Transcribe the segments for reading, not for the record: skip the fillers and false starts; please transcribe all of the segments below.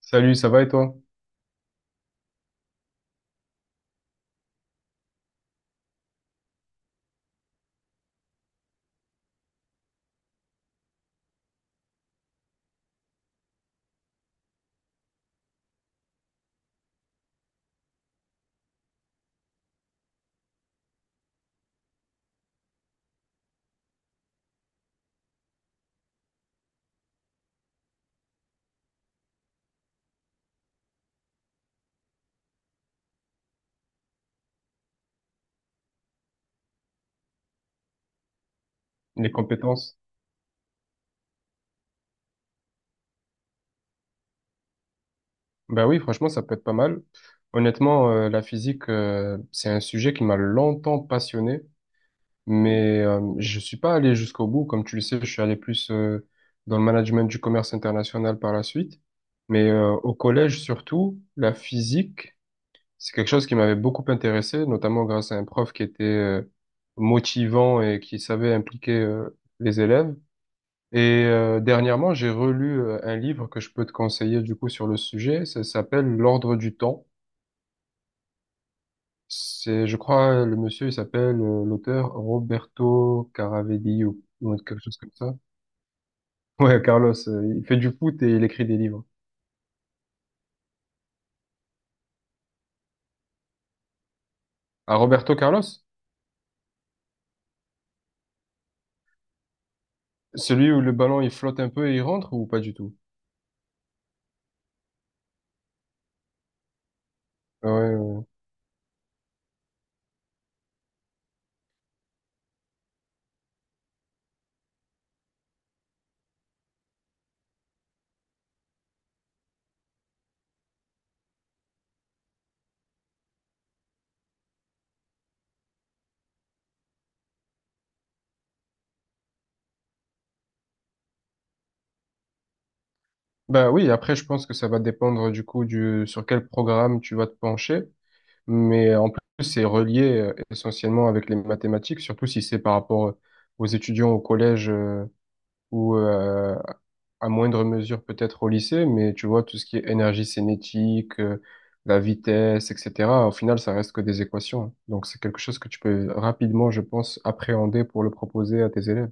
Salut, ça va et toi? Les compétences? Ben oui, franchement, ça peut être pas mal. Honnêtement, la physique, c'est un sujet qui m'a longtemps passionné, mais je suis pas allé jusqu'au bout. Comme tu le sais, je suis allé plus dans le management du commerce international par la suite. Mais au collège, surtout, la physique, c'est quelque chose qui m'avait beaucoup intéressé, notamment grâce à un prof qui était motivant et qui savait impliquer les élèves. Et dernièrement, j'ai relu un livre que je peux te conseiller du coup sur le sujet. Ça s'appelle L'Ordre du Temps. C'est, je crois, le monsieur, il s'appelle l'auteur Roberto Caravelli ou quelque chose comme ça. Ouais, Carlos, il fait du foot et il écrit des livres. Ah, Roberto Carlos? Celui où le ballon il flotte un peu et il rentre ou pas du tout? Ouais, ouais. Bah oui, après je pense que ça va dépendre du coup du sur quel programme tu vas te pencher. Mais en plus, c'est relié essentiellement avec les mathématiques, surtout si c'est par rapport aux étudiants au collège ou à moindre mesure peut-être au lycée. Mais tu vois, tout ce qui est énergie cinétique, la vitesse, etc., au final, ça reste que des équations. Donc, c'est quelque chose que tu peux rapidement, je pense, appréhender pour le proposer à tes élèves.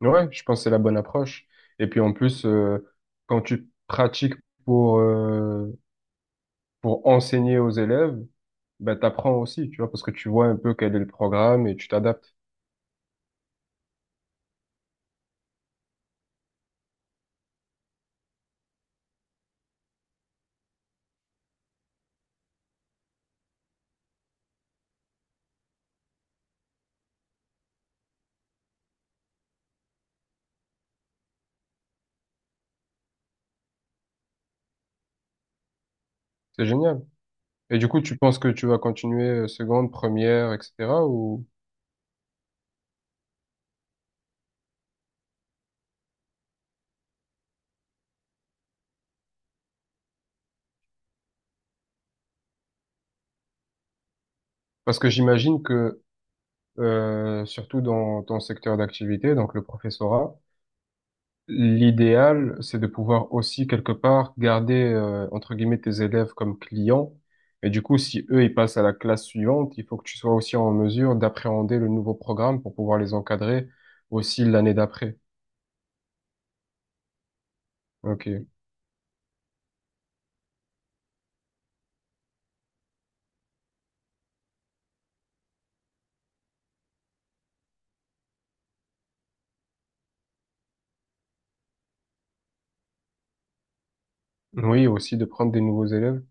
Ouais, je pense que c'est la bonne approche. Et puis en plus, quand tu pratiques pour... euh, pour enseigner aux élèves, ben, t'apprends aussi, tu vois, parce que tu vois un peu quel est le programme et tu t'adaptes. C'est génial. Et du coup, tu penses que tu vas continuer seconde, première, etc. ou... Parce que j'imagine que, surtout dans ton secteur d'activité, donc le professorat, l'idéal, c'est de pouvoir aussi quelque part garder, entre guillemets, tes élèves comme clients. Et du coup, si eux, ils passent à la classe suivante, il faut que tu sois aussi en mesure d'appréhender le nouveau programme pour pouvoir les encadrer aussi l'année d'après. Ok. Oui, aussi de prendre des nouveaux élèves.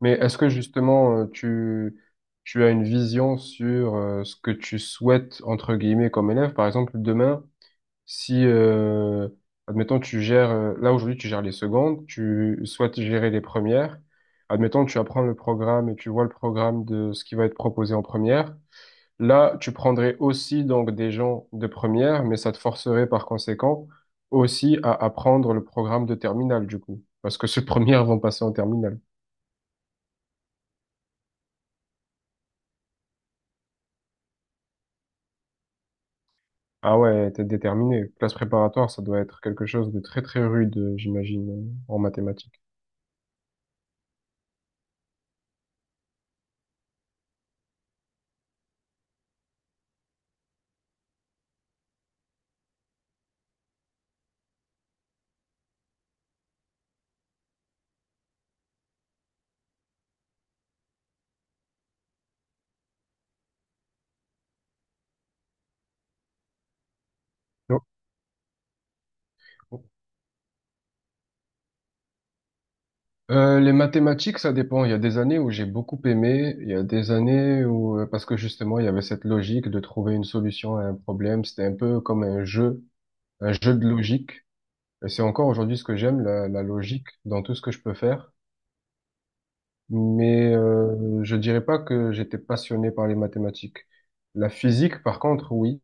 Mais est-ce que justement, tu as une vision sur ce que tu souhaites, entre guillemets, comme élève? Par exemple, demain, si, admettons, tu gères, là aujourd'hui, tu gères les secondes, tu souhaites gérer les premières. Admettons, tu apprends le programme et tu vois le programme de ce qui va être proposé en première. Là, tu prendrais aussi donc des gens de première, mais ça te forcerait par conséquent aussi à apprendre le programme de terminale du coup, parce que ceux de première vont passer en terminale. Ah ouais, t'es déterminé. Classe préparatoire, ça doit être quelque chose de très très rude, j'imagine, en mathématiques. Non. Les mathématiques, ça dépend. Il y a des années où j'ai beaucoup aimé, il y a des années où, parce que justement, il y avait cette logique de trouver une solution à un problème. C'était un peu comme un jeu de logique. Et c'est encore aujourd'hui ce que j'aime, la logique dans tout ce que je peux faire. Mais je dirais pas que j'étais passionné par les mathématiques. La physique, par contre, oui.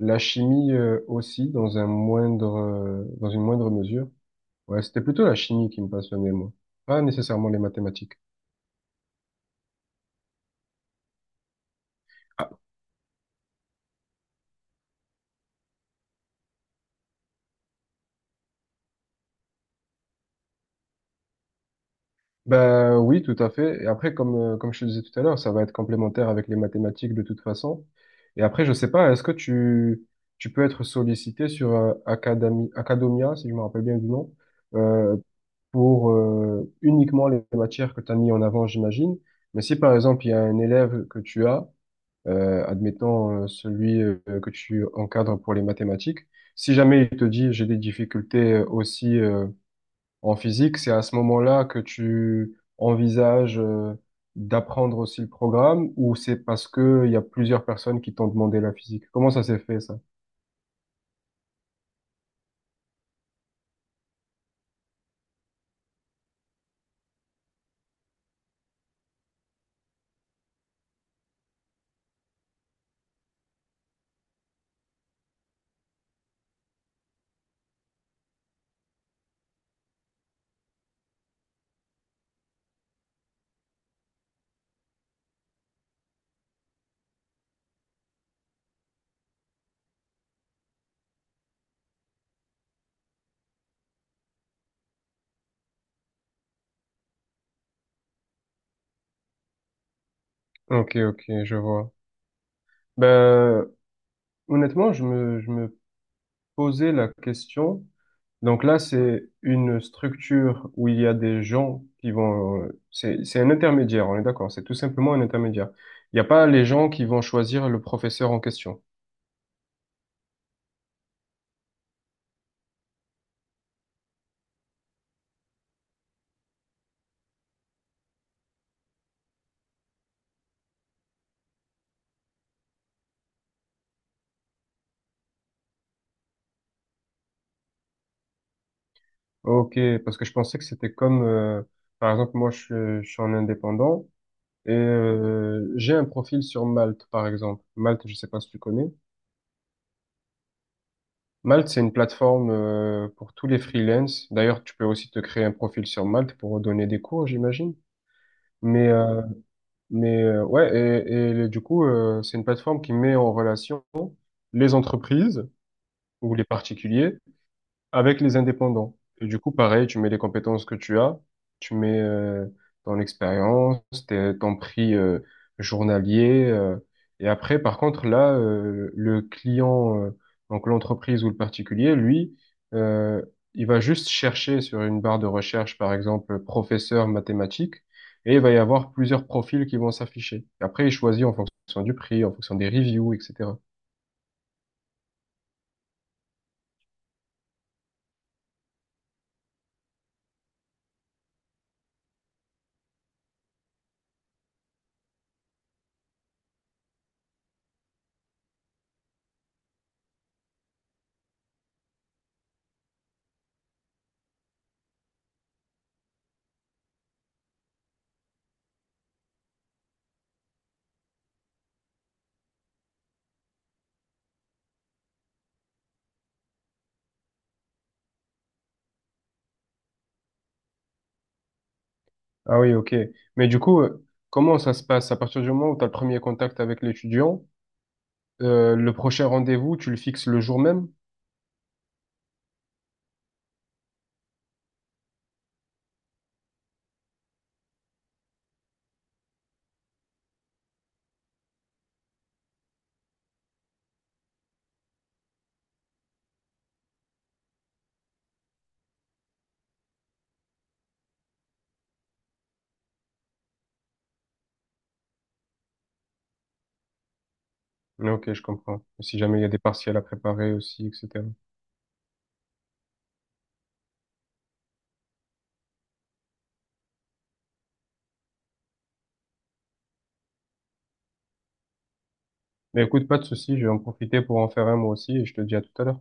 La chimie aussi, dans un dans une moindre mesure. Ouais, c'était plutôt la chimie qui me passionnait, moi. Pas nécessairement les mathématiques. Ben oui, tout à fait. Et après, comme je te disais tout à l'heure, ça va être complémentaire avec les mathématiques de toute façon. Et après, je sais pas, est-ce que tu peux être sollicité sur Academia, si je me rappelle bien du nom, euh, pour uniquement les matières que tu as mis en avant, j'imagine. Mais si par exemple, il y a un élève que tu as, admettons celui que tu encadres pour les mathématiques, si jamais il te dit j'ai des difficultés aussi en physique, c'est à ce moment-là que tu envisages d'apprendre aussi le programme ou c'est parce que il y a plusieurs personnes qui t'ont demandé la physique? Comment ça s'est fait ça? Ok, ok, je vois. Ben, honnêtement, je me posais la question. Donc là c'est une structure où il y a des gens qui vont... C'est, c'est un intermédiaire, on est d'accord, c'est tout simplement un intermédiaire. Il n'y a pas les gens qui vont choisir le professeur en question. Ok, parce que je pensais que c'était comme, par exemple, moi, je suis en indépendant et j'ai un profil sur Malte, par exemple. Malte, je sais pas si tu connais. Malte, c'est une plateforme pour tous les freelances. D'ailleurs, tu peux aussi te créer un profil sur Malte pour donner des cours, j'imagine. Mais, euh, mais ouais, et du coup, c'est une plateforme qui met en relation les entreprises ou les particuliers avec les indépendants. Et du coup, pareil, tu mets les compétences que tu as, tu mets ton expérience, ton prix journalier. Et après, par contre, là, le client, donc l'entreprise ou le particulier, lui, euh, il va juste chercher sur une barre de recherche, par exemple, professeur mathématiques, et il va y avoir plusieurs profils qui vont s'afficher. Et Après, il choisit en fonction du prix, en fonction des reviews, etc. Ah oui, ok. Mais du coup, comment ça se passe? À partir du moment où tu as le premier contact avec l'étudiant, le prochain rendez-vous, tu le fixes le jour même? Ah, Ok, je comprends. Si jamais il y a des partiels à préparer aussi, etc. Mais écoute, pas de souci, je vais en profiter pour en faire un moi aussi et je te dis à tout à l'heure.